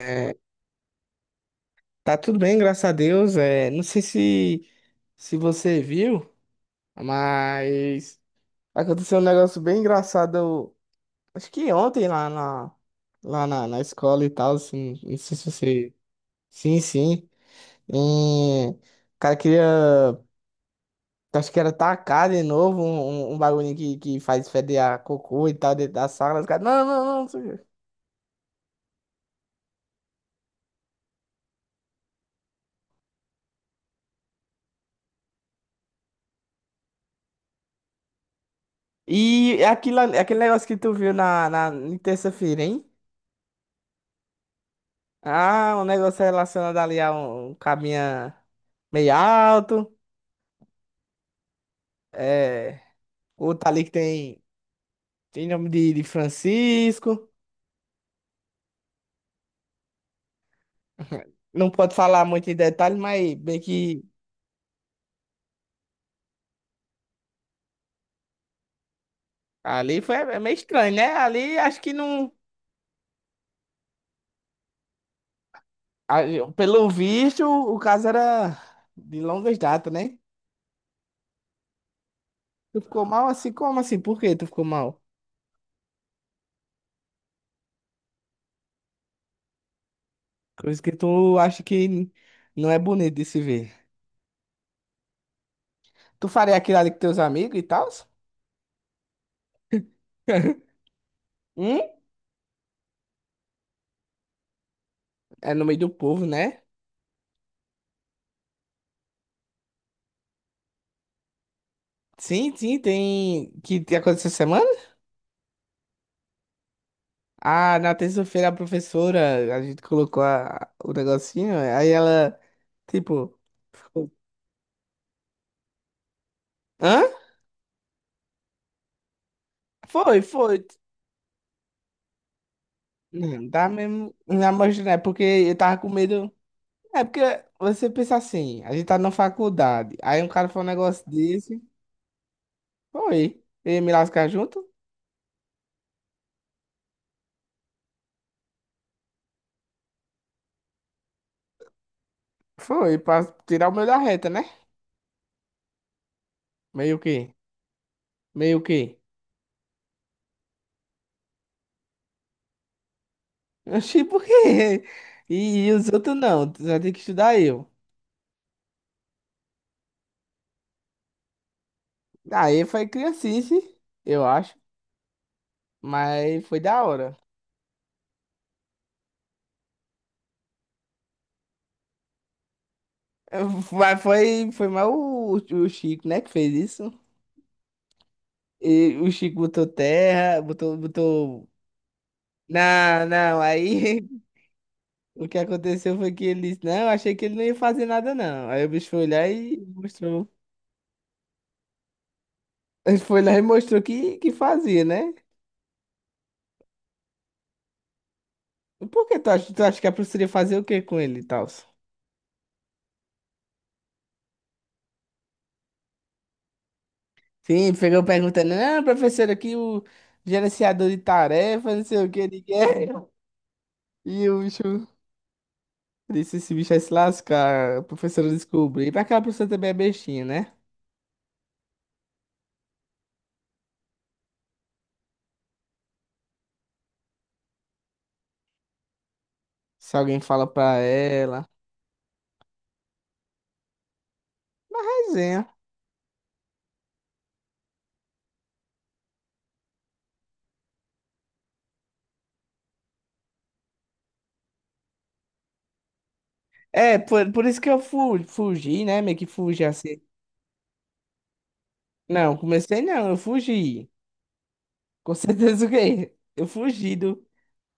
É, tá tudo bem, graças a Deus. É, não sei se você viu, mas aconteceu um negócio bem engraçado. Acho que ontem na escola e tal, assim, não sei se você. Sim, sim. E, o cara queria. Acho que era tacar de novo um bagulho que faz feder a cocô e tal dentro da sala. Os caras, não, não, não, não sei o quê. E aquilo, aquele negócio que tu viu em terça-feira, hein? Ah, um negócio relacionado ali a um cabinha meio alto. É. Outro ali que tem nome de Francisco. Não pode falar muito em detalhes, mas bem que ali foi é meio estranho, né? Ali acho que não. Pelo visto, o caso era de longas datas, né? Tu ficou mal assim? Como assim? Por que tu ficou mal? Coisa que tu acha que não é bonito de se ver. Tu faria aquilo ali com teus amigos e tal? Hum? É no meio do povo, né? Sim, sim, tem que aconteceu essa semana? Ah, na terça-feira a professora, a gente colocou o negocinho, aí ela, tipo, ficou, hã? Foi, foi. Não, dá mesmo na mostra, né? Porque eu tava com medo. É porque você pensa assim, a gente tá na faculdade, aí um cara falou um negócio desse, foi. Eu ia me lascar junto? Foi, pra tirar o meu da reta, né? Meio que, meio que. Oxi, por quê? E os outros não, tu já tem que estudar eu. Aí foi criancice, eu acho, mas foi da hora. Mas foi mais o Chico, né, que fez isso. E o Chico botou terra, botou, botou. Não, não, aí o que aconteceu foi que ele disse, não, achei que ele não ia fazer nada, não. Aí o bicho foi lá e mostrou. Ele foi lá e mostrou que fazia, né? Por que tu acha que a professora ia fazer o que com ele e tal? Sim, pegou perguntando, não, professora, aqui o gerenciador de tarefas, não sei o que, ele quer. E o bicho disse, esse bicho vai se lascar. A professora descobriu. Mas aquela professora também é bestinha, né? Se alguém fala pra ela. Resenha. É, por isso que eu fu fugi, né? Meio que fugi assim. Não, comecei não, eu fugi. Com certeza o quê? Eu fugi do,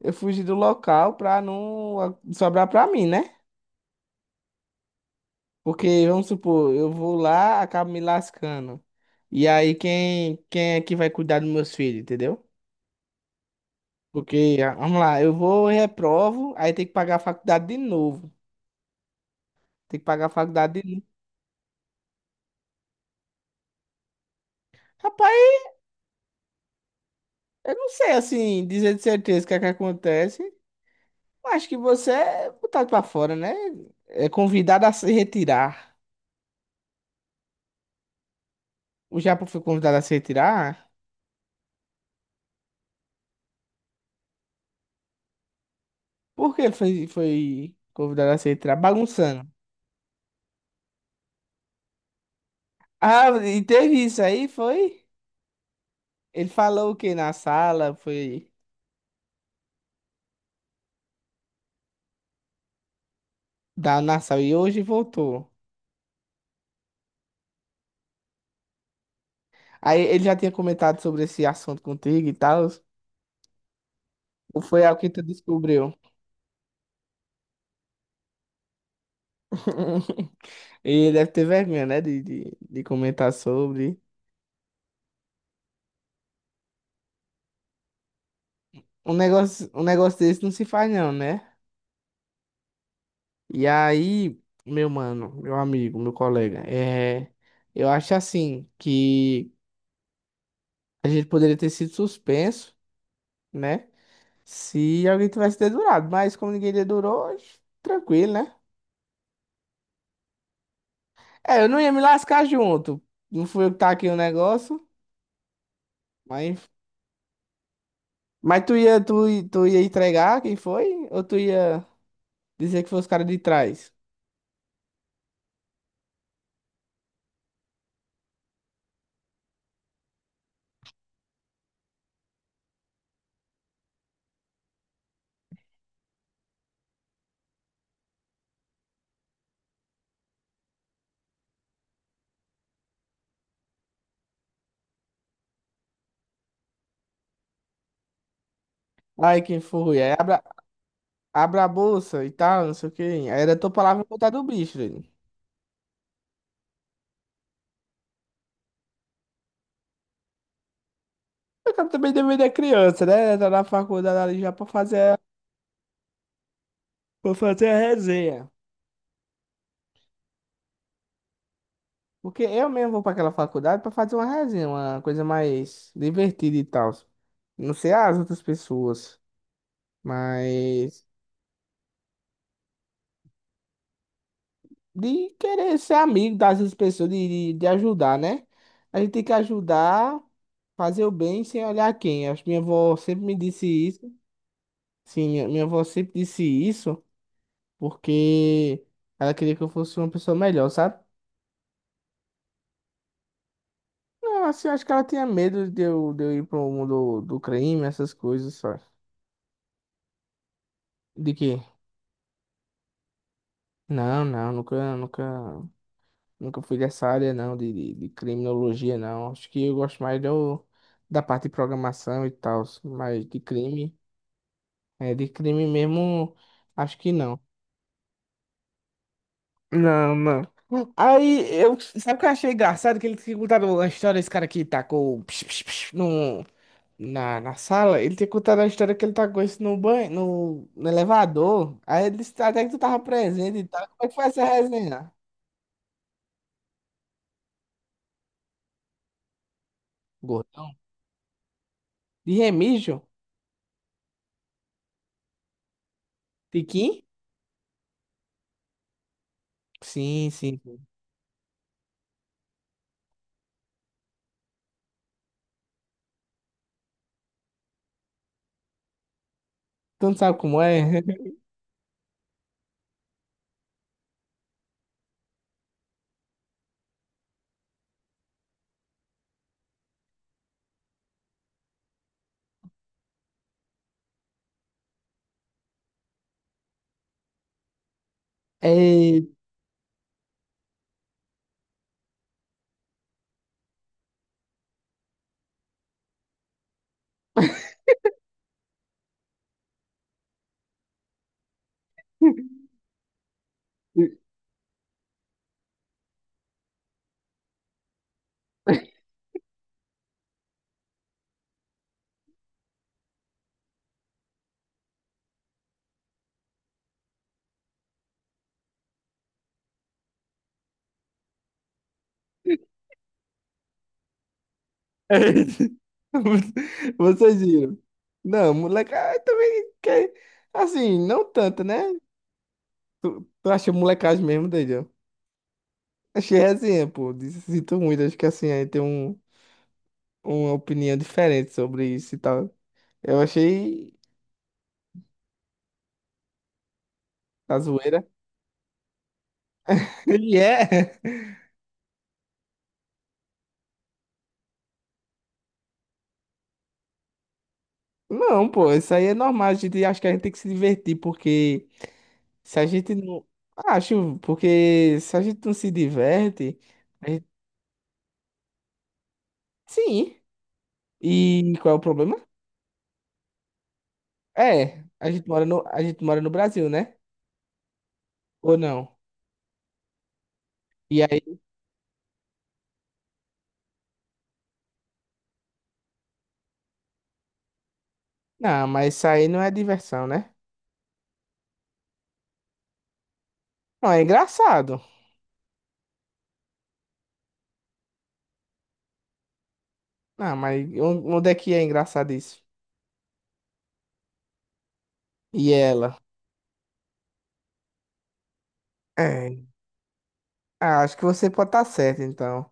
eu fugi do local pra não sobrar pra mim, né? Porque, vamos supor, eu vou lá, acabo me lascando. E aí, quem é que vai cuidar dos meus filhos, entendeu? Porque, ah, vamos lá, eu vou, reprovo, aí tem que pagar a faculdade de novo. Tem que pagar a faculdade de novo. Rapaz, eu não sei, assim, dizer de certeza o que é que acontece. Eu acho que você é botado pra fora, né? É convidado a se retirar. O Japa foi convidado a se retirar? Por que ele foi convidado a se retirar? Bagunçando. Ah, e teve isso aí, foi? Ele falou o que na sala, foi dar na sala e hoje voltou. Aí ele já tinha comentado sobre esse assunto contigo e tal. Foi algo que tu descobriu. E deve ter vergonha, né? De comentar sobre. Um negócio desse não se faz, não, né? E aí, meu mano, meu amigo, meu colega, eu acho assim que a gente poderia ter sido suspenso, né? Se alguém tivesse dedurado. Mas como ninguém dedurou, tranquilo, né? É, eu não ia me lascar junto. Não fui eu que tá aqui o negócio, mas. Mas tu ia entregar quem foi? Ou tu ia. Dizer que foi os caras de trás. Aí quem foi? Aí abra a bolsa e tal, não sei o quê. Aí era tua palavra contar do bicho, velho. Eu quero também deveria da criança, né? Tá na faculdade ali já pra fazer, pra fazer a resenha. Porque eu mesmo vou pra aquela faculdade pra fazer uma resenha, uma coisa mais divertida e tal. Não sei as outras pessoas, mas de querer ser amigo das outras pessoas, de ajudar, né? A gente tem que ajudar, fazer o bem sem olhar quem. Acho que minha avó sempre me disse isso. Sim, minha avó sempre disse isso porque ela queria que eu fosse uma pessoa melhor, sabe? Não, assim, acho que ela tinha medo de eu ir pro mundo do crime, essas coisas, sabe? De quê? Não, não, nunca, nunca, nunca fui dessa área, não, de criminologia, não. Acho que eu gosto mais do, da parte de programação e tal, mas de crime, de crime mesmo, acho que não. Não, não. Aí eu. Sabe o que eu achei engraçado? Que ele tinha contado a história, esse cara que tacou psh, psh, psh, no, na sala. Ele tinha contado a história que ele tacou isso no banho, no elevador. Aí ele disse até que tu tava presente e tal. Como é que foi essa resenha? Gordão. De Remígio? Tiquim? Sim, sim. Sim. Tu não sabe como é? É. Vocês viram. Não, moleque, ah, também. Assim, não tanto, né? Tu, tu acha molecagem mesmo, Daniel? Achei resenha, pô. Sinto muito, acho que assim, aí tem uma opinião diferente sobre isso e tal. Eu achei a zoeira. E é. Não, pô, isso aí é normal. A gente acho que a gente tem que se divertir, porque se a gente não. Acho, porque se a gente não se diverte, a gente- sim. E qual é o problema? É, a gente mora no Brasil, né? Ou não? E aí, não, mas isso aí não é diversão, né? Não, é engraçado. Ah, mas onde é que é engraçado isso? E ela? É. Ah, acho que você pode estar certo, então.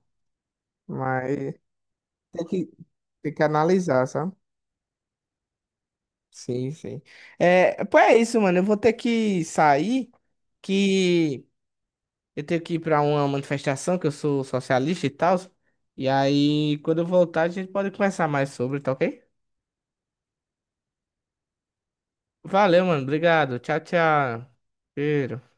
Mas tem que, tem que analisar, sabe? Sim, sim. É, pô, é isso, mano. Eu vou ter que sair, que eu tenho que ir pra uma manifestação, que eu sou socialista e tal. E aí, quando eu voltar, a gente pode conversar mais sobre, tá ok? Valeu, mano. Obrigado. Tchau, tchau. Cheiro.